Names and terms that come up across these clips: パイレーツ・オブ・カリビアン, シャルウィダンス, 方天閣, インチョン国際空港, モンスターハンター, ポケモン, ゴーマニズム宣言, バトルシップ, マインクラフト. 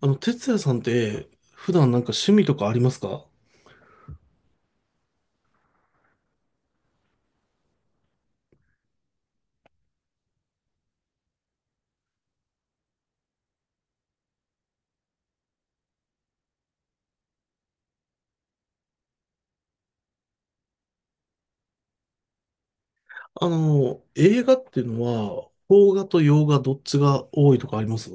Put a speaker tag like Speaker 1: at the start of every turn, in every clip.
Speaker 1: 哲也さんって、普段なんか趣味とかありますか？あの、映画っていうのは、邦画と洋画どっちが多いとかあります？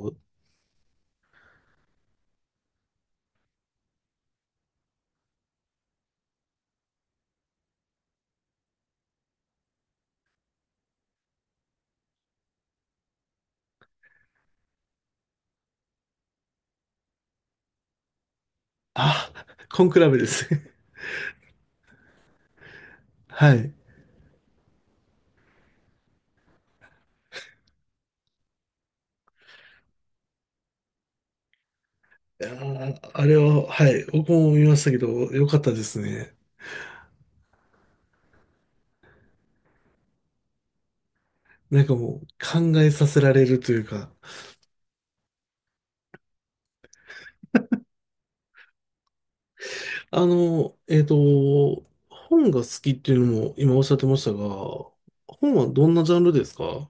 Speaker 1: あ、コンクラベです。はい。いやー、あれは、はい、僕も見ましたけど、よかったですね。なんかもう、考えさせられるというか。あの、えっと、本が好きっていうのも今おっしゃってましたが、本はどんなジャンルですか？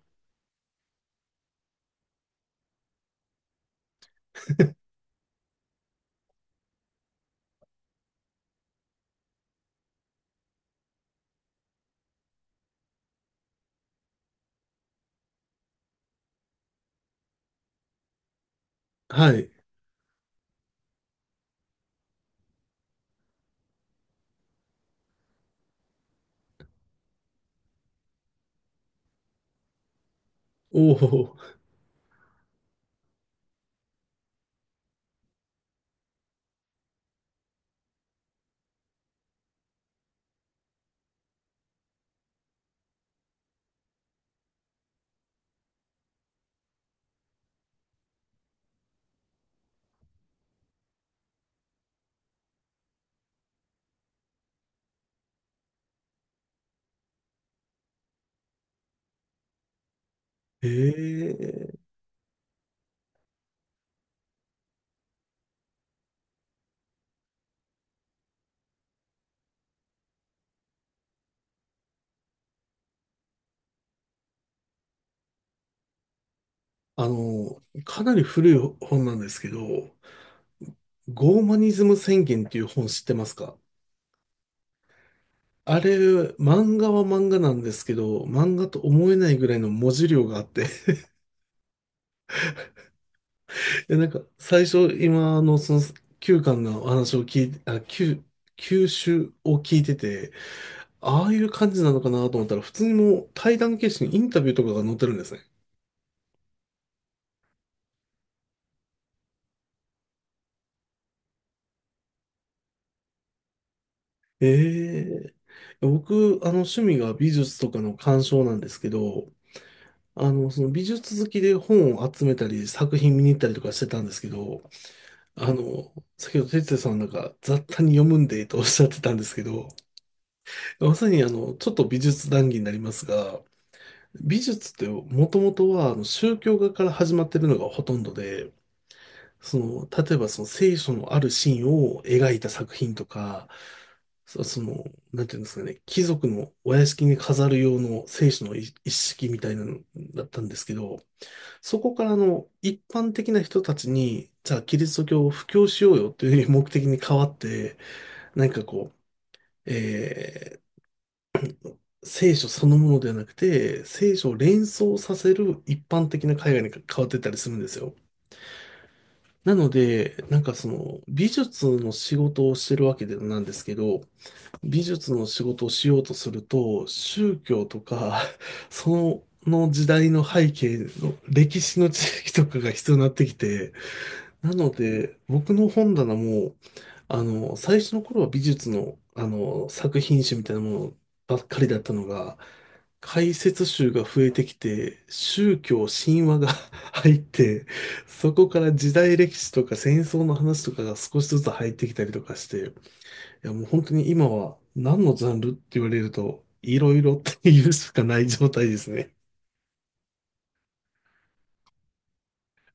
Speaker 1: はい。おお。ええ。あの、かなり古い本なんですけど、ゴーマニズム宣言っていう本知ってますか？あれ、漫画は漫画なんですけど、漫画と思えないぐらいの文字量があって、で、なんか、最初、今のその9巻のお話を聞いて、あ、9、9集を聞いてて、ああいう感じなのかなと思ったら、普通にもう対談形式にインタビューとかが載ってるんですね。ええ。僕、あの、趣味が美術とかの鑑賞なんですけど、あの、その美術好きで本を集めたり、作品見に行ったりとかしてたんですけど、あの、先ほど哲也さんなんか雑多に読むんでとおっしゃってたんですけど、まさにあの、ちょっと美術談義になりますが、美術ってもともとはあの宗教画から始まってるのがほとんどで、その、例えばその聖書のあるシーンを描いた作品とか、その、なんていうんですかね、貴族のお屋敷に飾る用の聖書の一式みたいなのだったんですけど、そこからあの一般的な人たちに、じゃあキリスト教を布教しようよという目的に変わって、なんかこう、えー聖書そのものではなくて、聖書を連想させる一般的な海外に変わってったりするんですよ。なので、なんかその美術の仕事をしてるわけでなんですけど、美術の仕事をしようとすると、宗教とか、その時代の背景の歴史の知識とかが必要になってきて、なので、僕の本棚も、あの、最初の頃は美術の、あの、作品集みたいなものばっかりだったのが、解説集が増えてきて、宗教、神話が 入って、そこから時代歴史とか戦争の話とかが少しずつ入ってきたりとかして、いやもう本当に今は何のジャンルって言われると、いろいろっていうしかない状態ですね。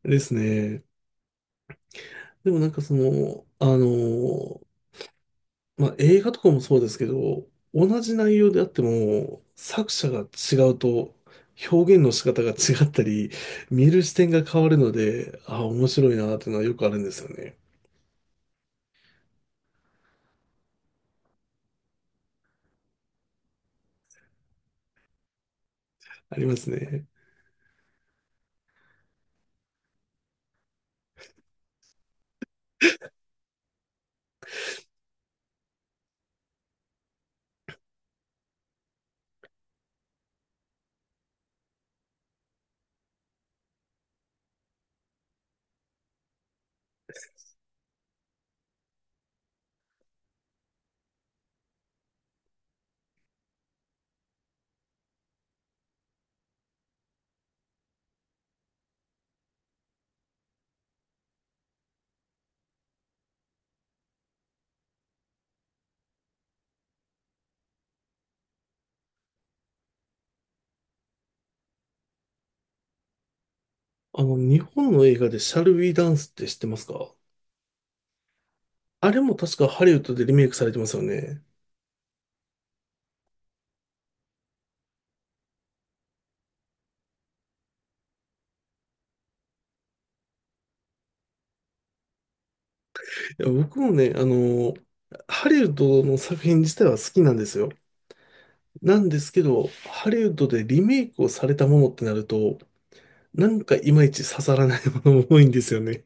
Speaker 1: ですね。でもなんかその、あの、まあ、映画とかもそうですけど、同じ内容であっても、作者が違うと、表現の仕方が違ったり、見る視点が変わるので、ああ、面白いなーっていうのはよくあるんですよね。ありますね。あの、日本の映画でシャルウィダンスって知ってますか？あれも確かハリウッドでリメイクされてますよね。いや、僕もね、あの、ハリウッドの作品自体は好きなんですよ。なんですけど、ハリウッドでリメイクをされたものってなると、なんかいまいち刺さらないものも多いんですよね。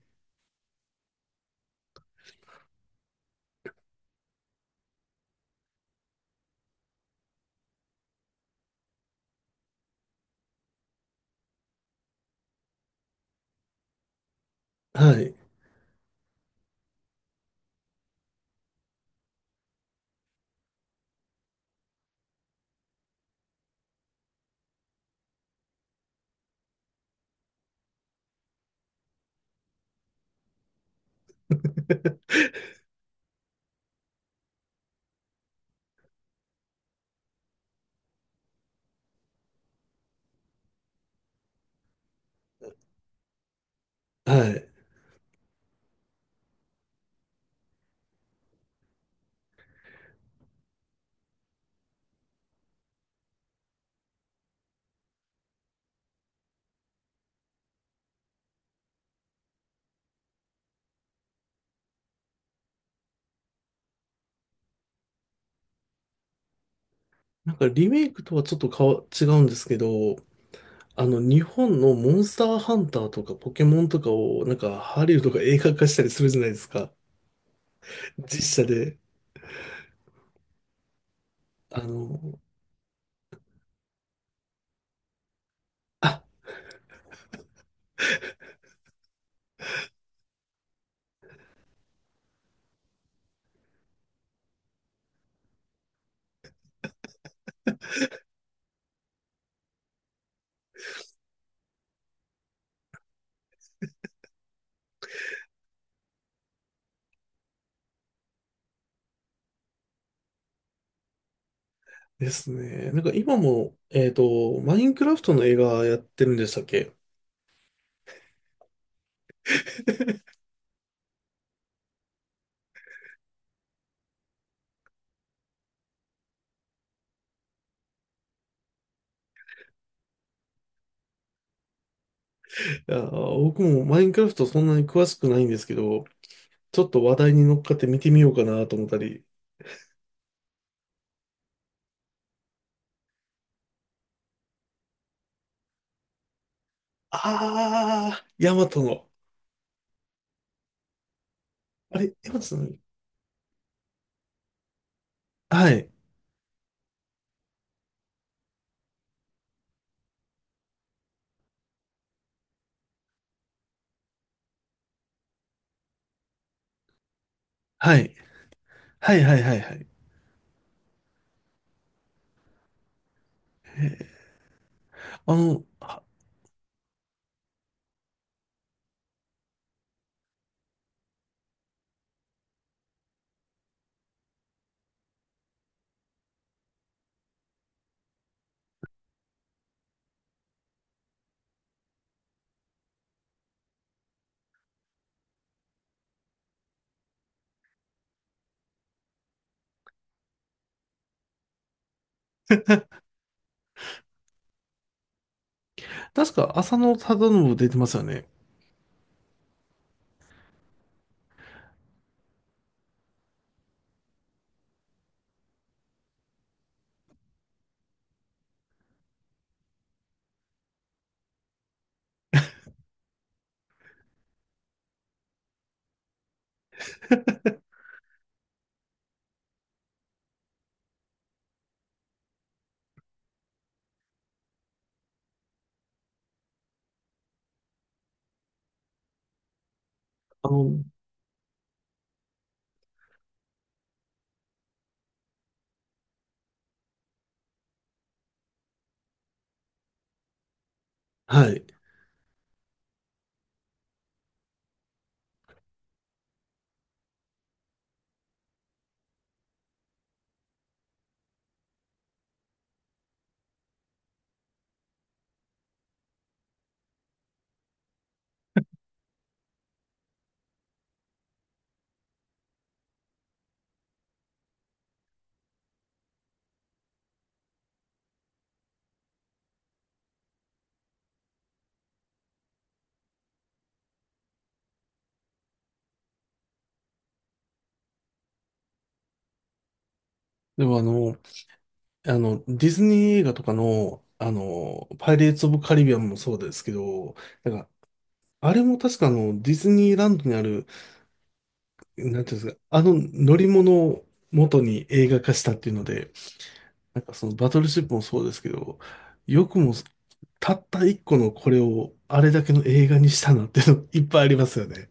Speaker 1: はい。はい。なんかリメイクとはちょっと違うんですけど、あの、日本のモンスターハンターとかポケモンとかを、なんかハリウッドが映画化したりするじゃないですか。実写で。あの、あ、ですね。なんか今も、えっと、マインクラフトの映画やってるんでしたっけ？ いや、僕もマインクラフトそんなに詳しくないんですけど、ちょっと話題に乗っかって見てみようかなと思ったり。あー、ヤマトの。あれ、エマさん、はい、はい、はい、はい、はい、はい。あの、確か浅野忠信出てますよね。あの、はい。でもあの、あの、ディズニー映画とかの、あの、パイレーツ・オブ・カリビアンもそうですけど、なんか、あれも確かあの、ディズニーランドにある、なんていうんですか、あの乗り物を元に映画化したっていうので、なんかそのバトルシップもそうですけど、よくもたった一個のこれをあれだけの映画にしたなっていうのいっぱいありますよね。